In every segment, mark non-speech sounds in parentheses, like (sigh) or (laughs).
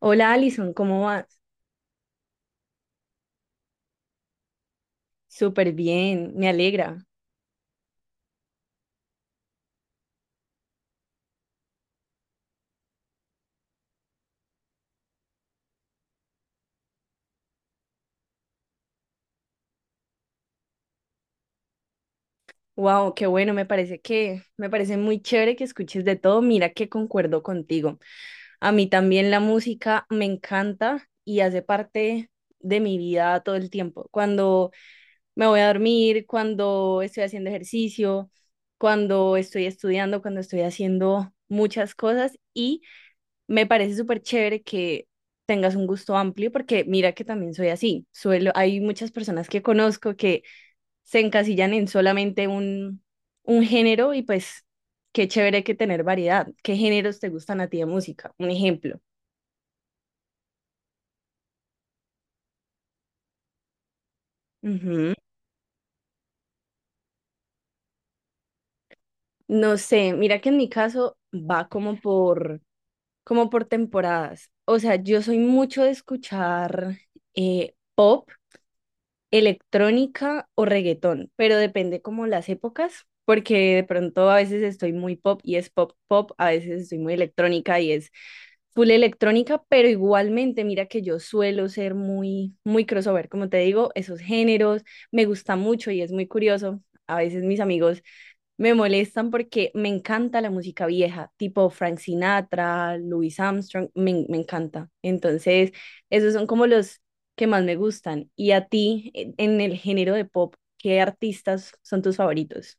Hola Alison, ¿cómo vas? Súper bien, me alegra. Wow, qué bueno, me parece muy chévere que escuches de todo. Mira que concuerdo contigo. A mí también la música me encanta y hace parte de mi vida todo el tiempo. Cuando me voy a dormir, cuando estoy haciendo ejercicio, cuando estoy estudiando, cuando estoy haciendo muchas cosas y me parece súper chévere que tengas un gusto amplio porque mira que también soy así. Suelo, hay muchas personas que conozco que se encasillan en solamente un género y pues qué chévere que tener variedad. ¿Qué géneros te gustan a ti de música? Un ejemplo. Ujú. No sé, mira que en mi caso va como por temporadas. O sea, yo soy mucho de escuchar pop electrónica o reggaetón, pero depende como las épocas, porque de pronto a veces estoy muy pop y es pop pop, a veces estoy muy electrónica y es full electrónica, pero igualmente mira que yo suelo ser muy crossover, como te digo, esos géneros me gusta mucho y es muy curioso. A veces mis amigos me molestan porque me encanta la música vieja, tipo Frank Sinatra, Louis Armstrong, me encanta. Entonces, esos son como los que más me gustan. Y a ti, en el género de pop, ¿qué artistas son tus favoritos?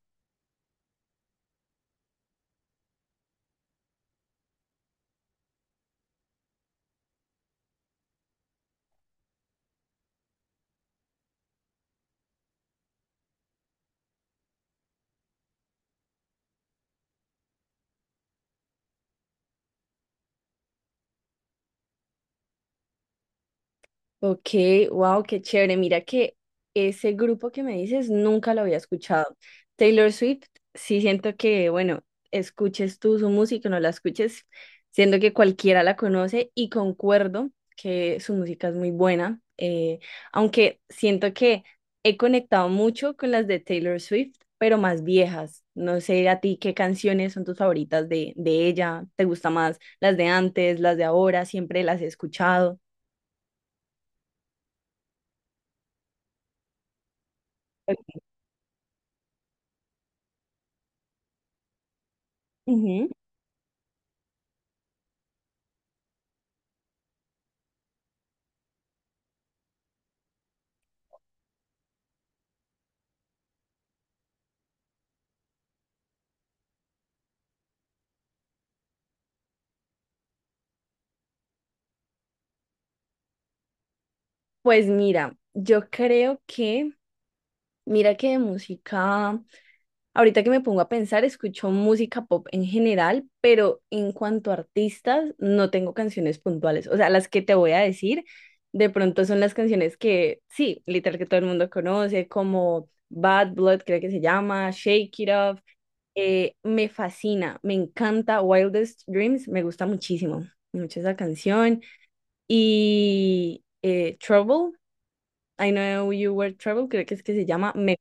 Ok, wow, qué chévere. Mira que ese grupo que me dices nunca lo había escuchado. Taylor Swift, sí siento que, bueno, escuches tú su música, o no la escuches, siento que cualquiera la conoce y concuerdo que su música es muy buena, aunque siento que he conectado mucho con las de Taylor Swift, pero más viejas. No sé a ti qué canciones son tus favoritas de ella, ¿te gusta más las de antes, las de ahora? ¿Siempre las he escuchado? Ujú. Pues mira, yo creo que, mira que de música, ahorita que me pongo a pensar, escucho música pop en general, pero en cuanto a artistas, no tengo canciones puntuales. O sea, las que te voy a decir, de pronto son las canciones que, sí, literal que todo el mundo conoce, como Bad Blood, creo que se llama, Shake It Off. Me fascina, me encanta Wildest Dreams, me gusta mucho esa canción. Y Trouble. I Know You Were Trouble, creo que se llama. Me...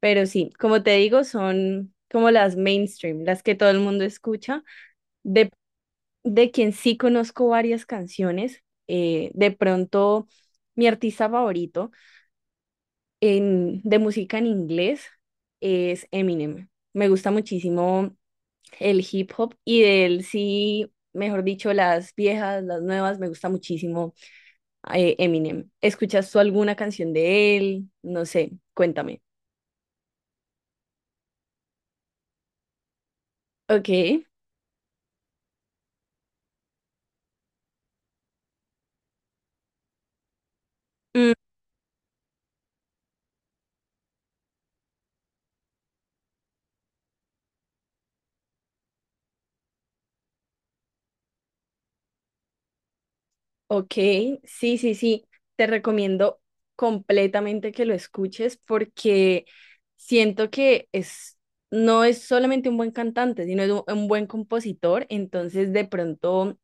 Pero sí, como te digo, son como las mainstream, las que todo el mundo escucha. De, de quien sí conozco varias canciones, de pronto mi artista favorito de música en inglés es Eminem. Me gusta muchísimo el hip hop y de él sí, mejor dicho, las viejas, las nuevas, me gusta muchísimo Eminem. ¿Escuchas tú alguna canción de él? No sé, cuéntame. Ok, mm, ok, sí, sí, sí, te recomiendo completamente que lo escuches porque siento no es solamente un buen cantante, sino es un buen compositor, entonces de pronto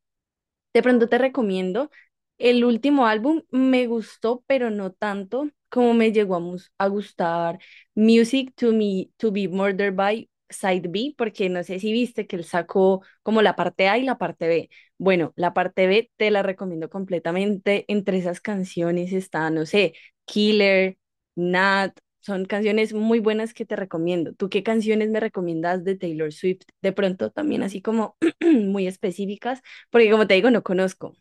De pronto te recomiendo el último álbum, me gustó, pero no tanto como me llegó a gustar Music to Me to Be Murdered by Side B, porque no sé si viste que él sacó como la parte A y la parte B. Bueno, la parte B te la recomiendo completamente. Entre esas canciones está, no sé, Killer, Nat. Son canciones muy buenas que te recomiendo. ¿Tú qué canciones me recomiendas de Taylor Swift? De pronto también así como (clears throat) muy específicas porque como te digo, no conozco.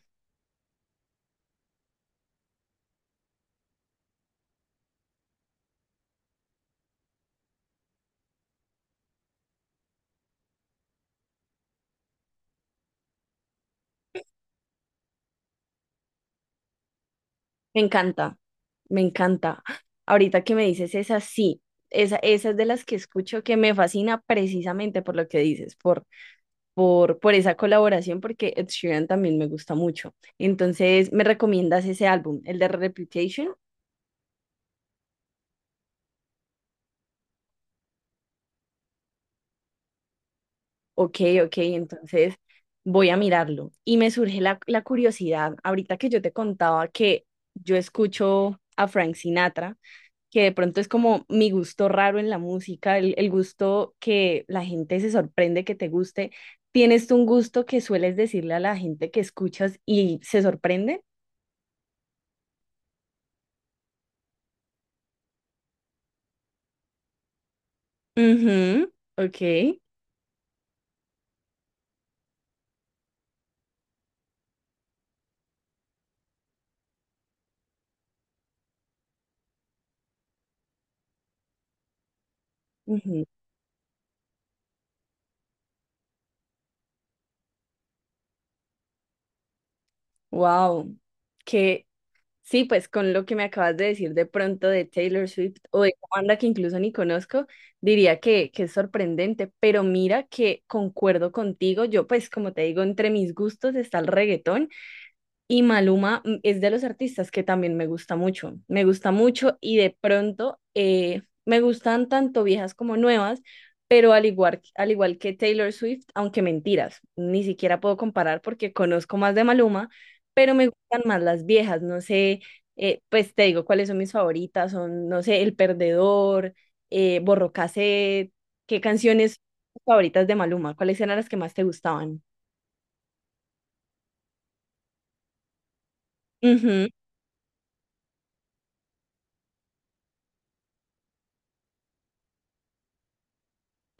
Me encanta, me encanta. Ahorita que me dices esa, sí. Esa es de las que escucho que me fascina precisamente por lo que dices, por esa colaboración, porque Ed Sheeran también me gusta mucho. Entonces, ¿me recomiendas ese álbum, el de Reputation? Ok, ok, entonces voy a mirarlo. Y me surge la curiosidad, ahorita que yo te contaba que yo escucho a Frank Sinatra que de pronto es como mi gusto raro en la música, el gusto que la gente se sorprende que te guste. ¿Tienes tú un gusto que sueles decirle a la gente que escuchas y se sorprende? Ujú, ok. Wow. Que sí, pues con lo que me acabas de decir de pronto de Taylor Swift o de una banda que incluso ni conozco, diría que es sorprendente, pero mira que concuerdo contigo, yo pues como te digo, entre mis gustos está el reggaetón. Y Maluma es de los artistas que también me gusta mucho y de pronto me gustan tanto viejas como nuevas, pero al igual que Taylor Swift, aunque mentiras, ni siquiera puedo comparar porque conozco más de Maluma, pero me gustan más las viejas, no sé, pues te digo cuáles son mis favoritas, son, no sé, El Perdedor, Borró Cassette, qué canciones favoritas de Maluma, cuáles eran las que más te gustaban.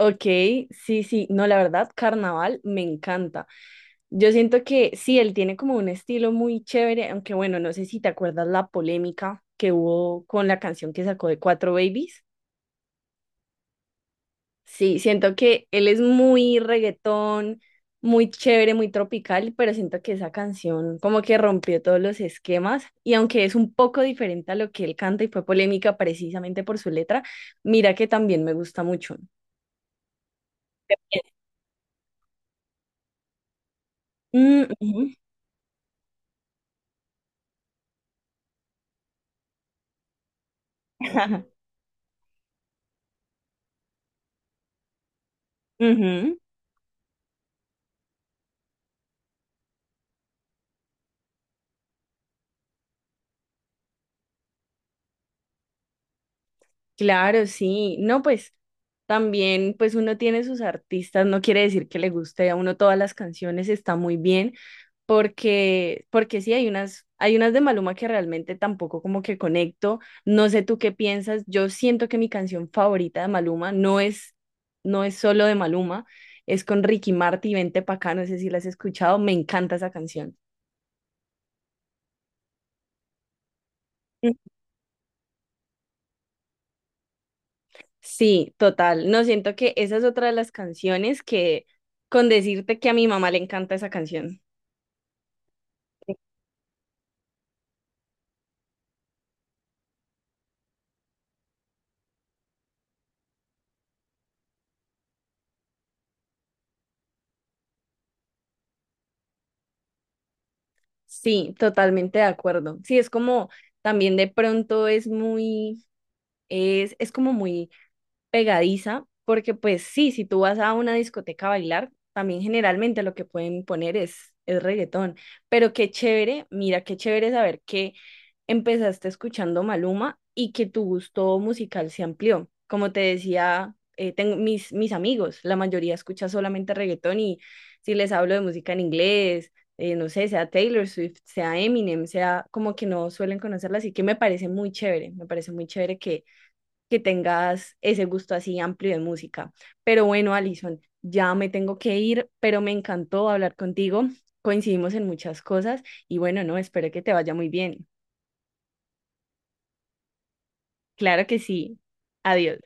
Ok, sí, sí, no, la verdad, Carnaval me encanta. Yo siento que sí, él tiene como un estilo muy chévere, aunque bueno, no sé si te acuerdas la polémica que hubo con la canción que sacó de Cuatro Babies. Sí, siento que él es muy reggaetón, muy chévere, muy tropical, pero siento que esa canción como que rompió todos los esquemas y aunque es un poco diferente a lo que él canta y fue polémica precisamente por su letra, mira que también me gusta mucho. Mm, ujú. (laughs) Ujú, claro, sí. No, pues también, pues uno tiene sus artistas, no quiere decir que le guste a uno todas las canciones, está muy bien, porque sí, hay unas de Maluma que realmente tampoco como que conecto. No sé tú qué piensas, yo siento que mi canción favorita de Maluma no es solo de Maluma, es con Ricky Martin, Vente pa' acá, no sé si la has escuchado, me encanta esa canción. Sí, total. No siento que esa es otra de las canciones que, con decirte que a mi mamá le encanta esa canción. Sí, totalmente de acuerdo. Sí, es como también de pronto es muy, es como muy pegadiza, porque pues sí, si tú vas a una discoteca a bailar, también generalmente lo que pueden poner es reggaetón. Pero qué chévere, mira, qué chévere saber que empezaste escuchando Maluma y que tu gusto musical se amplió. Como te decía, tengo mis amigos, la mayoría escucha solamente reggaetón y si les hablo de música en inglés, no sé, sea Taylor Swift, sea Eminem, sea como que no suelen conocerla, así que me parece muy chévere que tengas ese gusto así amplio de música. Pero bueno, Alison, ya me tengo que ir, pero me encantó hablar contigo. Coincidimos en muchas cosas y bueno, no, espero que te vaya muy bien. Claro que sí. Adiós.